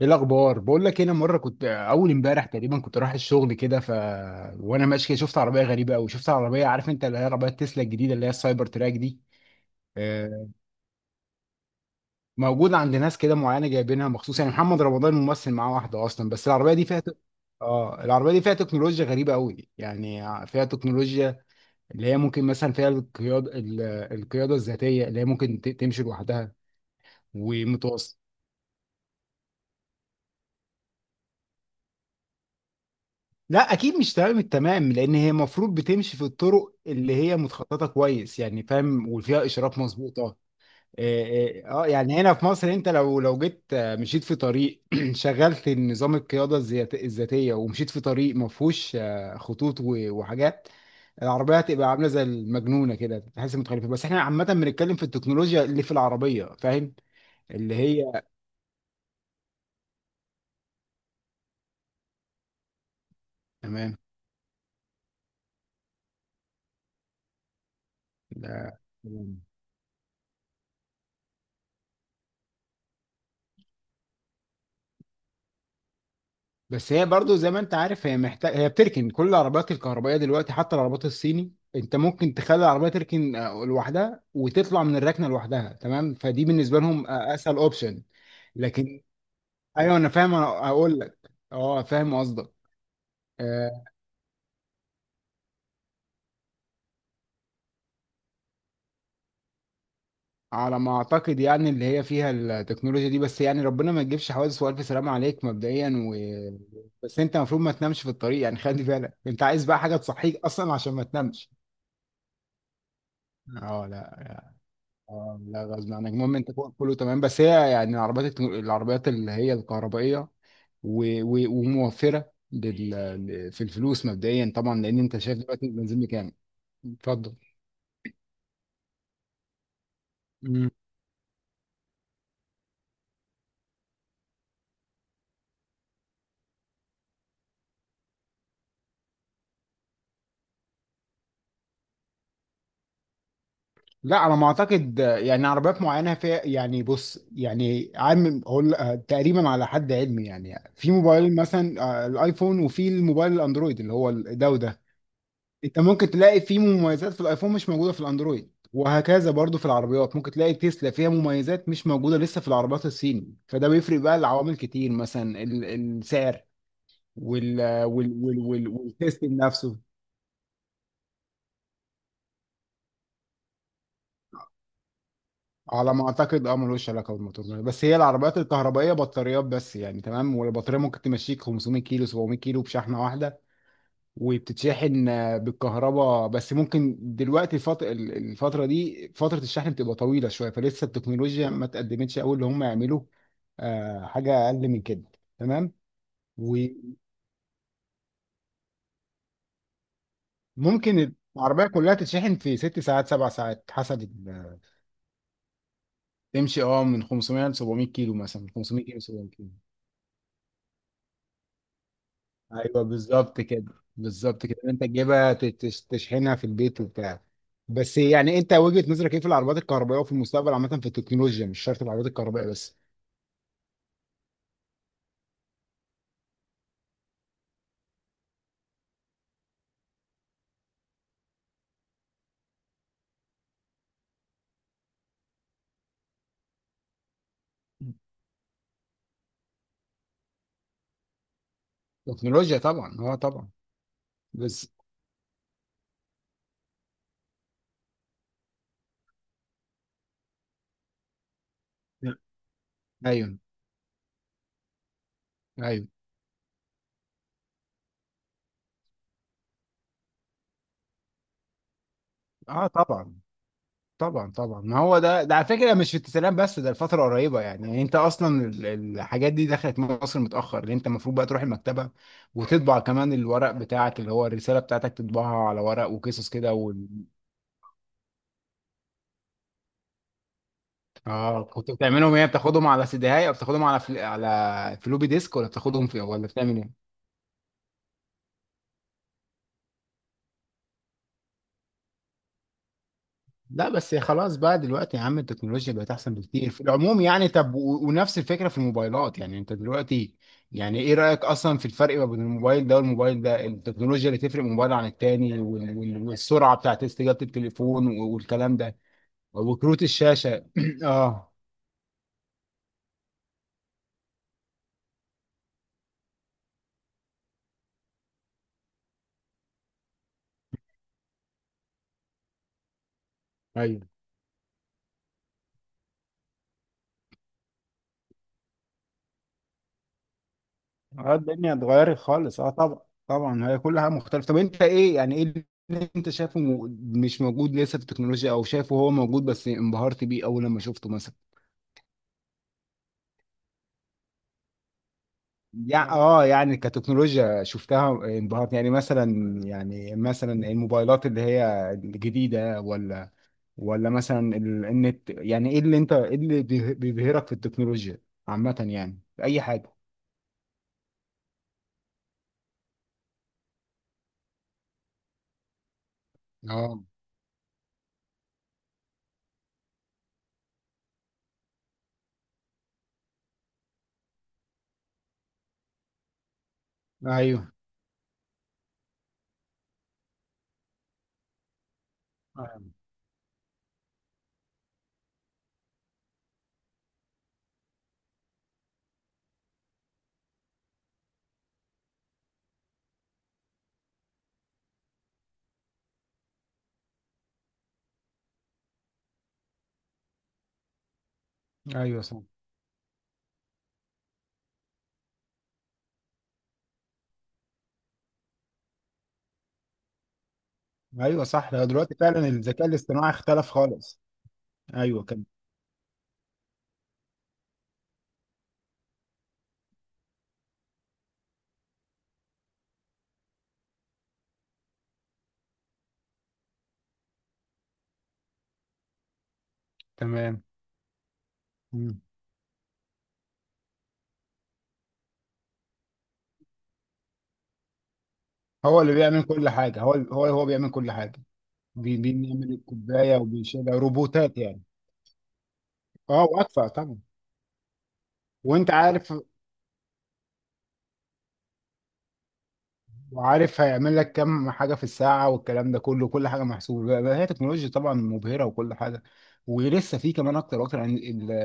ايه الاخبار؟ بقول لك، انا مره كنت اول امبارح تقريبا كنت رايح الشغل كده، ف وانا ماشي كده شفت عربيه غريبه قوي. شفت عربيه، عارف انت، اللي هي عربيه تسلا الجديده اللي هي السايبر تراك دي. آه، موجوده عند ناس كده معينه، جايبينها مخصوص. يعني محمد رمضان ممثل، معاه واحده اصلا. بس العربيه دي فيها تك-. اه العربيه دي فيها تكنولوجيا غريبه قوي، يعني فيها تكنولوجيا اللي هي ممكن مثلا فيها القياده الذاتيه اللي هي ممكن تمشي لوحدها ومتوصل. لا، اكيد مش تمام التمام، لان هي المفروض بتمشي في الطرق اللي هي متخططه كويس، يعني فاهم، وفيها اشارات مظبوطه. اه، يعني هنا في مصر انت لو جيت، مشيت في طريق شغلت نظام الذاتيه ومشيت في طريق ما فيهوش خطوط وحاجات. العربيه هتبقى عامله زي المجنونه كده، تحس متخلفه. بس احنا عامه بنتكلم في التكنولوجيا اللي في العربيه، فاهم. اللي هي تمام. لا. بس هي برضو زي ما انت عارف، هي بتركن كل العربيات الكهربائيه دلوقتي، حتى العربيات الصيني. انت ممكن تخلي العربيه تركن لوحدها، وتطلع من الركنه لوحدها، تمام. فدي بالنسبه لهم اسهل اوبشن. لكن ايوه، انا فاهم، انا اقول لك. اه فاهم قصدك. آه على ما اعتقد يعني اللي هي فيها التكنولوجيا دي، بس يعني ربنا ما تجيبش حوادث، والف سلامه عليك مبدئيا، و... بس انت المفروض ما تنامش في الطريق، يعني خلي بالك انت عايز بقى حاجه تصحيك اصلا عشان ما تنامش. اه، لا. آه، لا غصب عنك. المهم انت فوق كله، تمام. بس هي يعني العربيات اللي هي الكهربائيه وموفره في الفلوس مبدئيا طبعا، لان انت شايف دلوقتي البنزين بكام. اتفضل. مم. لا، على ما اعتقد يعني عربيات معينه فيها، يعني بص، يعني عام هقول تقريبا على حد علمي، يعني في موبايل مثلا، الايفون وفي الموبايل الاندرويد اللي هو ده وده. انت ممكن تلاقي فيه مميزات في الايفون مش موجوده في الاندرويد، وهكذا برضو في العربيات ممكن تلاقي تسلا فيها مميزات مش موجوده لسه في العربيات الصيني. فده بيفرق بقى لعوامل كتير، مثلا السعر والتستنج نفسه. على ما اعتقد ملوش علاقه بالموتور، بس هي العربيات الكهربائيه بطاريات بس، يعني تمام. والبطاريه ممكن تمشيك 500 كيلو 700 كيلو بشحنه واحده. وبتتشحن بالكهرباء بس. ممكن دلوقتي الفترة دي فترة الشحن بتبقى طويلة شوية، فلسه التكنولوجيا ما اتقدمتش قوي اللي هم يعملوا حاجة أقل من كده، تمام. وممكن العربية كلها تتشحن في ست ساعات سبع ساعات، حسب تمشي من 500 ل 700 كيلو، مثلا من 500 كيلو 700 كيلو. ايوه، بالظبط كده، بالظبط كده. انت تجيبها تشحنها في البيت وبتاع. بس يعني انت وجهة نظرك ايه في العربيات الكهربائيه، وفي المستقبل عامه في التكنولوجيا؟ مش شرط العربيات الكهربائيه بس. تكنولوجيا طبعا، طبعا. بس ايوه، ايوه، اه طبعا، طبعا، طبعا. ما هو ده على فكره مش في التسليم، بس ده الفتره قريبه، يعني، يعني انت اصلا الحاجات دي دخلت مصر متاخر، لان انت المفروض بقى تروح المكتبه، وتطبع كمان الورق بتاعك اللي هو الرساله بتاعتك، تطبعها على ورق، وقصص كده. اه، كنت بتعملهم ايه؟ بتاخدهم على سي دي، اي او بتاخدهم على على فلوبي ديسك، ولا بتاخدهم في، ولا بتعمل ايه؟ لا بس خلاص بقى دلوقتي يا عم التكنولوجيا بقت احسن بكتير في العموم يعني. طب ونفس الفكره في الموبايلات، يعني انت دلوقتي يعني ايه رايك اصلا في الفرق ما بين الموبايل ده والموبايل ده؟ التكنولوجيا اللي تفرق موبايل عن التاني والسرعه بتاعت استجابه التليفون والكلام ده وكروت الشاشه. اه، ايوه. اه الدنيا اتغيرت خالص، طبعا. طبعا هي كل حاجه مختلفه. طب انت ايه، يعني ايه اللي انت شايفه مش موجود لسه في التكنولوجيا؟ او شايفه هو موجود بس انبهرت بيه اول لما شفته مثلا؟ يعني يعني كتكنولوجيا شفتها انبهرت، يعني مثلا، الموبايلات اللي هي الجديده، ولا مثلا النت. يعني ايه اللي بيبهرك في التكنولوجيا عامه، يعني في اي حاجه؟ اه، ايوه، ايوه صح، ايوه صح. لو دلوقتي فعلا الذكاء الاصطناعي اختلف خالص. ايوه كده. تمام. مم. هو اللي بيعمل كل حاجه، هو بيعمل كل حاجه. بيعمل الكوبايه وبيشيلها روبوتات يعني. اه، واكفأ طبعا. وانت عارف، هيعمل لك كم حاجه في الساعه والكلام ده كله، كل حاجه محسوبه. بقى هي تكنولوجيا طبعا مبهره وكل حاجه. ولسه في كمان اكتر واكتر عن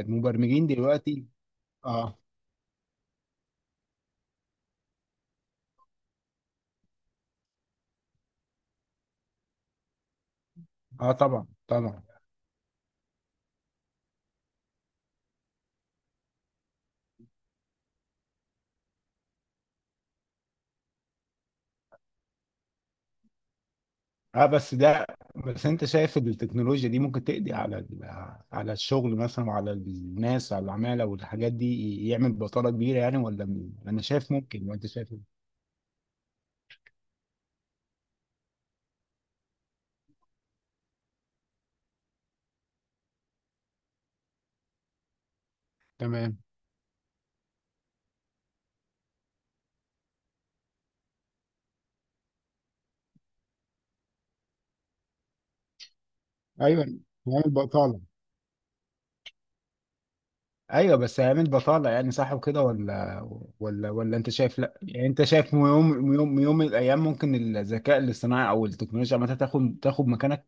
المبرمجين دلوقتي. اه، اه، طبعا، طبعا، اه. بس انت شايف إن التكنولوجيا دي ممكن تقضي على على الشغل مثلا، وعلى الناس، على العمالة والحاجات دي، يعمل بطالة كبيرة يعني، ولا انا شايف ممكن، وانت شايف إيه؟ تمام. ايوه. يعمل بطاله. ايوه بس هيعمل بطالة، يعني صح وكده ولا انت شايف لا، يعني انت شايف يوم، من الايام ممكن الذكاء الاصطناعي او التكنولوجيا عامة تاخد مكانك؟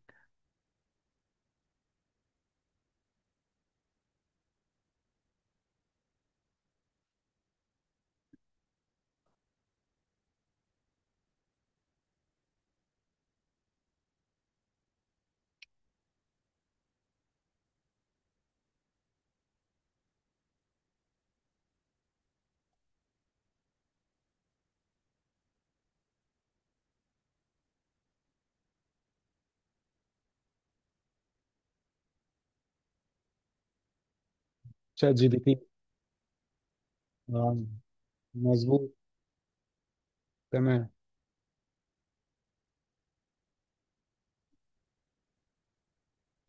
شات جي بي تي. آه، مظبوط. تمام.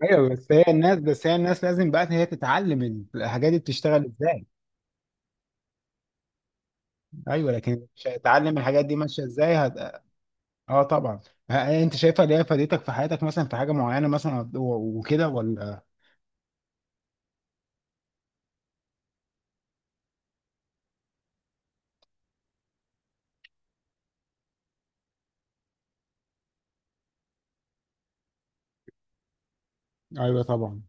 ايوه. بس هي الناس لازم بقى هي تتعلم الحاجات دي بتشتغل ازاي. ايوه، لكن مش هتتعلم الحاجات دي ماشيه ازاي. اه طبعا. انت شايفها اللي هي فادتك في حياتك مثلا في حاجه معينه مثلا وكده ولا؟ ايوه، طبعا.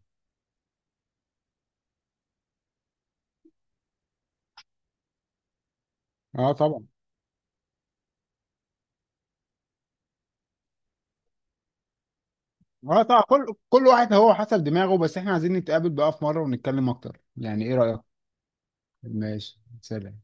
اه طبعا. اه طبعا كل واحد هو حسب دماغه. بس احنا عايزين نتقابل بقى في مره ونتكلم اكتر، يعني ايه رايك؟ ماشي، سلام.